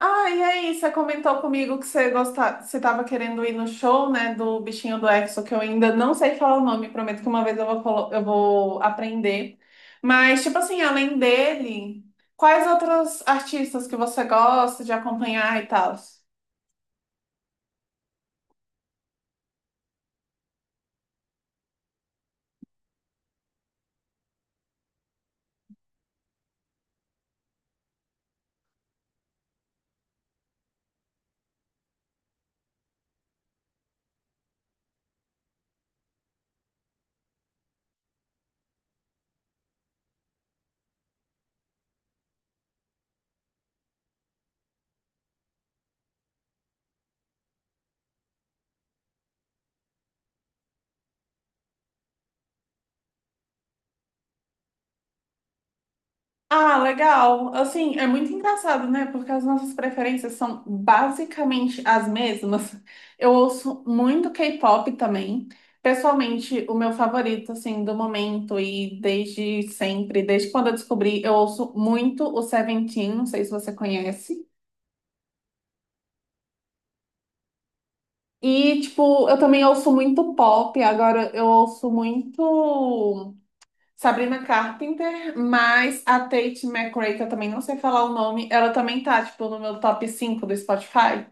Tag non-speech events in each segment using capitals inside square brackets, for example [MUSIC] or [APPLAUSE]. Ah, e aí, você comentou comigo que você gosta... você estava querendo ir no show, né, do bichinho do EXO, que eu ainda não sei falar o nome, prometo que uma vez eu vou, eu vou aprender. Mas, tipo assim, além dele, quais outros artistas que você gosta de acompanhar e tal? Ah, legal. Assim, é muito engraçado, né? Porque as nossas preferências são basicamente as mesmas. Eu ouço muito K-pop também. Pessoalmente, o meu favorito, assim, do momento e desde sempre, desde quando eu descobri, eu ouço muito o Seventeen, não sei se você conhece. E, tipo, eu também ouço muito pop, agora eu ouço muito. Sabrina Carpenter, mas a Tate McRae, que eu também não sei falar o nome, ela também tá, tipo, no meu top 5 do Spotify.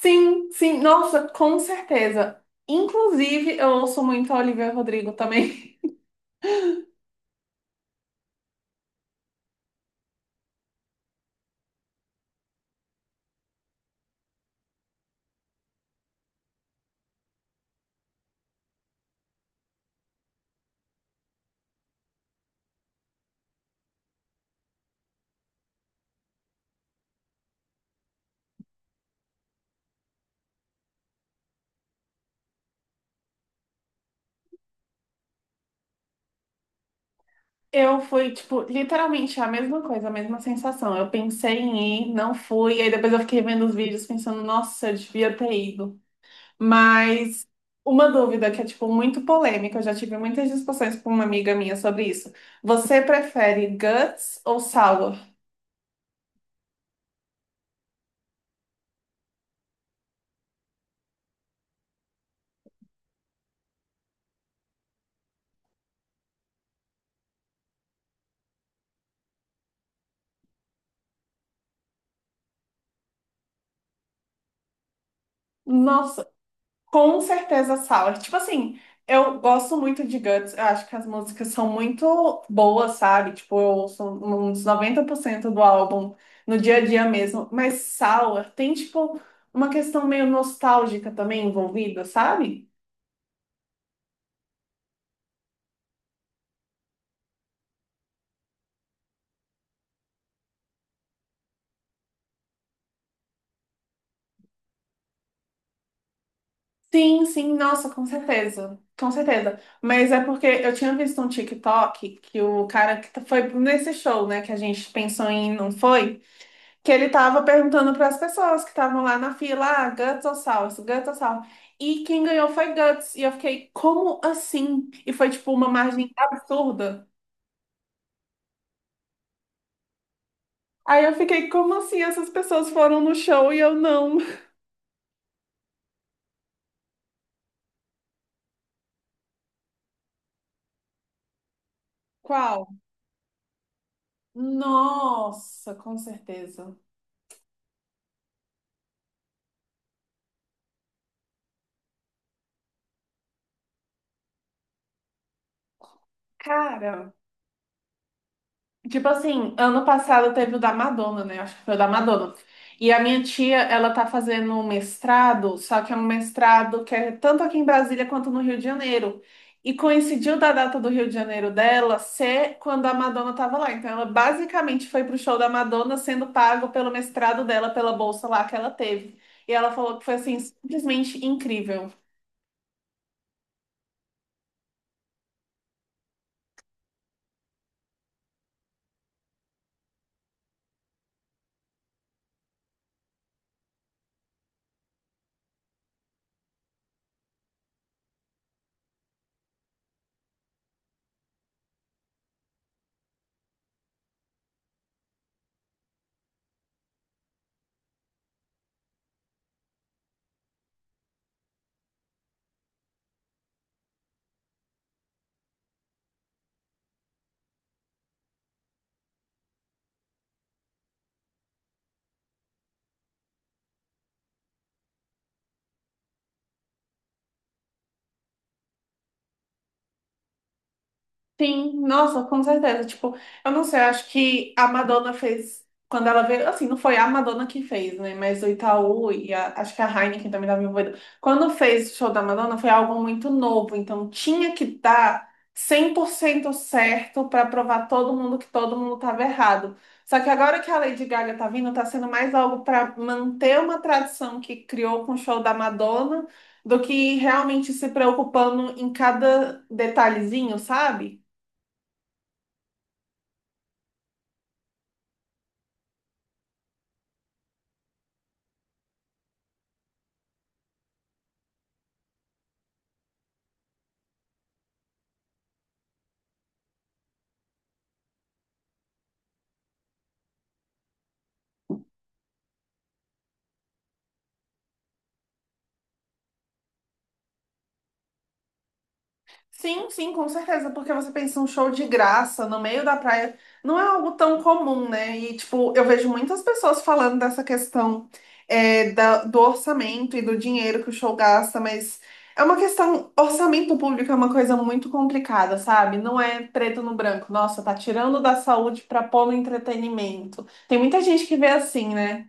Sim, sim, nossa, com certeza. Inclusive, eu ouço muito a Olivia Rodrigo também. [LAUGHS] Eu fui, tipo, literalmente a mesma coisa, a mesma sensação. Eu pensei em ir, não fui, aí depois eu fiquei vendo os vídeos pensando, nossa, eu devia ter ido. Mas uma dúvida que é tipo muito polêmica, eu já tive muitas discussões com uma amiga minha sobre isso. Você prefere guts ou sour? Nossa, com certeza sour. Tipo assim, eu gosto muito de guts, eu acho que as músicas são muito boas, sabe? Tipo, eu ouço uns 90% do álbum no dia a dia mesmo, mas sour tem tipo uma questão meio nostálgica também envolvida, sabe? Sim, sim, nossa, com certeza. Com certeza. Mas é porque eu tinha visto um TikTok que o cara que foi nesse show, né, que a gente pensou em não foi, que ele tava perguntando para as pessoas que estavam lá na fila, ah, Guts ou Salsa, Guts ou Salsa. E quem ganhou foi Guts. E eu fiquei, como assim? E foi tipo uma margem absurda. Aí eu fiquei, como assim? Essas pessoas foram no show e eu não. [LAUGHS] Qual? Nossa, com certeza. Cara. Tipo assim, ano passado teve o da Madonna, né? Acho que foi o da Madonna. E a minha tia, ela tá fazendo um mestrado, só que é um mestrado que é tanto aqui em Brasília quanto no Rio de Janeiro. E coincidiu da data do Rio de Janeiro dela ser quando a Madonna tava lá. Então ela basicamente foi pro show da Madonna sendo pago pelo mestrado dela, pela bolsa lá que ela teve. E ela falou que foi assim, simplesmente incrível. Sim, nossa, com certeza. Tipo, eu não sei, eu acho que a Madonna fez, quando ela veio, assim, não foi a Madonna que fez, né? Mas o Itaú e acho que a Heineken também estava envolvida. Quando fez o show da Madonna, foi algo muito novo, então tinha que dar 100% certo para provar todo mundo que todo mundo estava errado. Só que agora que a Lady Gaga tá vindo, tá sendo mais algo para manter uma tradição que criou com o show da Madonna do que realmente se preocupando em cada detalhezinho, sabe? Sim, sim, com certeza, porque você pensa um show de graça no meio da praia, não é algo tão comum, né? E, tipo, eu vejo muitas pessoas falando dessa questão é, do orçamento e do dinheiro que o show gasta, mas é uma questão, orçamento público é uma coisa muito complicada, sabe? Não é preto no branco, nossa, tá tirando da saúde pra pôr no entretenimento. Tem muita gente que vê assim, né?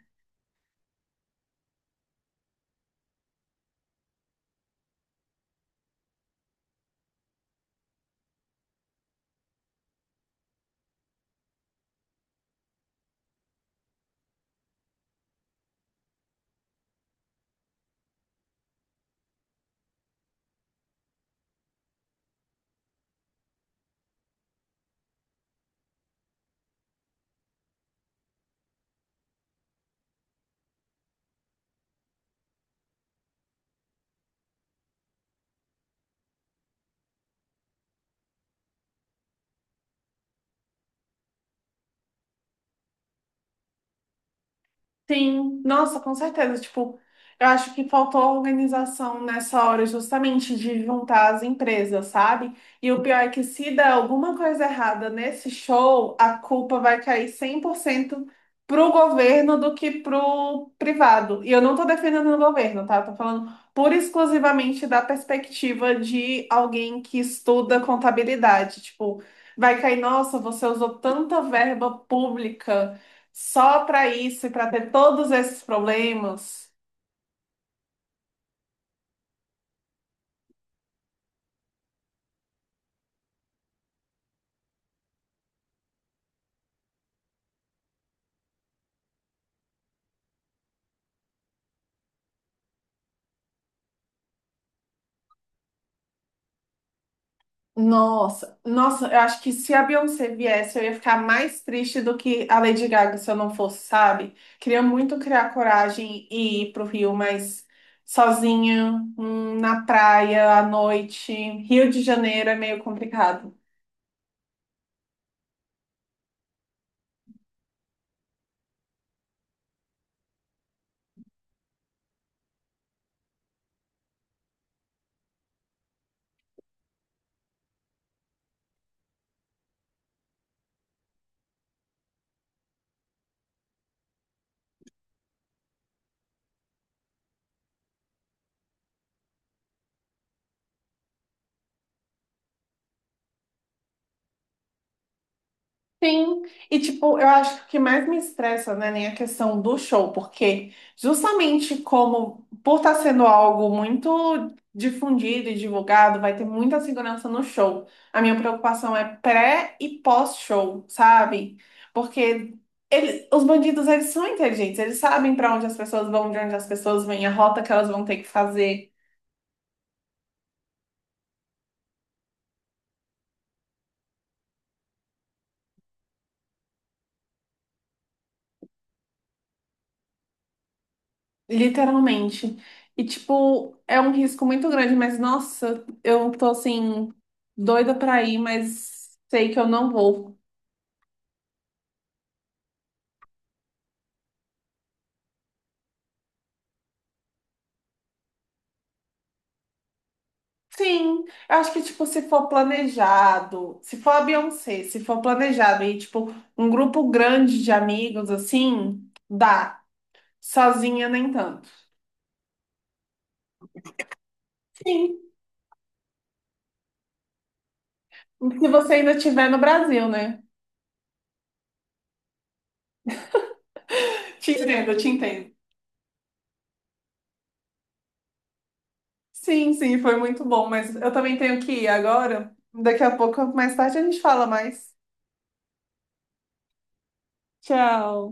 Sim, nossa, com certeza. Tipo, eu acho que faltou organização nessa hora, justamente de juntar as empresas, sabe? E o pior é que se der alguma coisa errada nesse show, a culpa vai cair 100% pro governo do que pro privado. E eu não tô defendendo o governo, tá? Eu tô falando pura e exclusivamente da perspectiva de alguém que estuda contabilidade. Tipo, vai cair, nossa, você usou tanta verba pública. Só para isso e para ter todos esses problemas. Nossa, nossa, eu acho que se a Beyoncé viesse, eu ia ficar mais triste do que a Lady Gaga se eu não fosse, sabe? Queria muito criar coragem e ir pro Rio, mas sozinha, na praia, à noite, Rio de Janeiro é meio complicado. Sim, e tipo, eu acho que o que mais me estressa, né, nem a questão do show, porque justamente como por estar sendo algo muito difundido e divulgado, vai ter muita segurança no show. A minha preocupação é pré e pós-show, sabe? Porque eles, os bandidos, eles são inteligentes, eles sabem para onde as pessoas vão, de onde as pessoas vêm, a rota que elas vão ter que fazer. Literalmente. E, tipo, é um risco muito grande, mas nossa, eu tô assim, doida pra ir, mas sei que eu não vou. Sim, eu acho que, tipo, se for planejado, se for a Beyoncé, se for planejado e, tipo, um grupo grande de amigos, assim, dá. Sozinha, nem tanto. Sim, se você ainda estiver no Brasil, né? Te entendo, te entendo. Sim, sim, foi muito bom, mas eu também tenho que ir agora. Daqui a pouco, mais tarde, a gente fala mais. Tchau.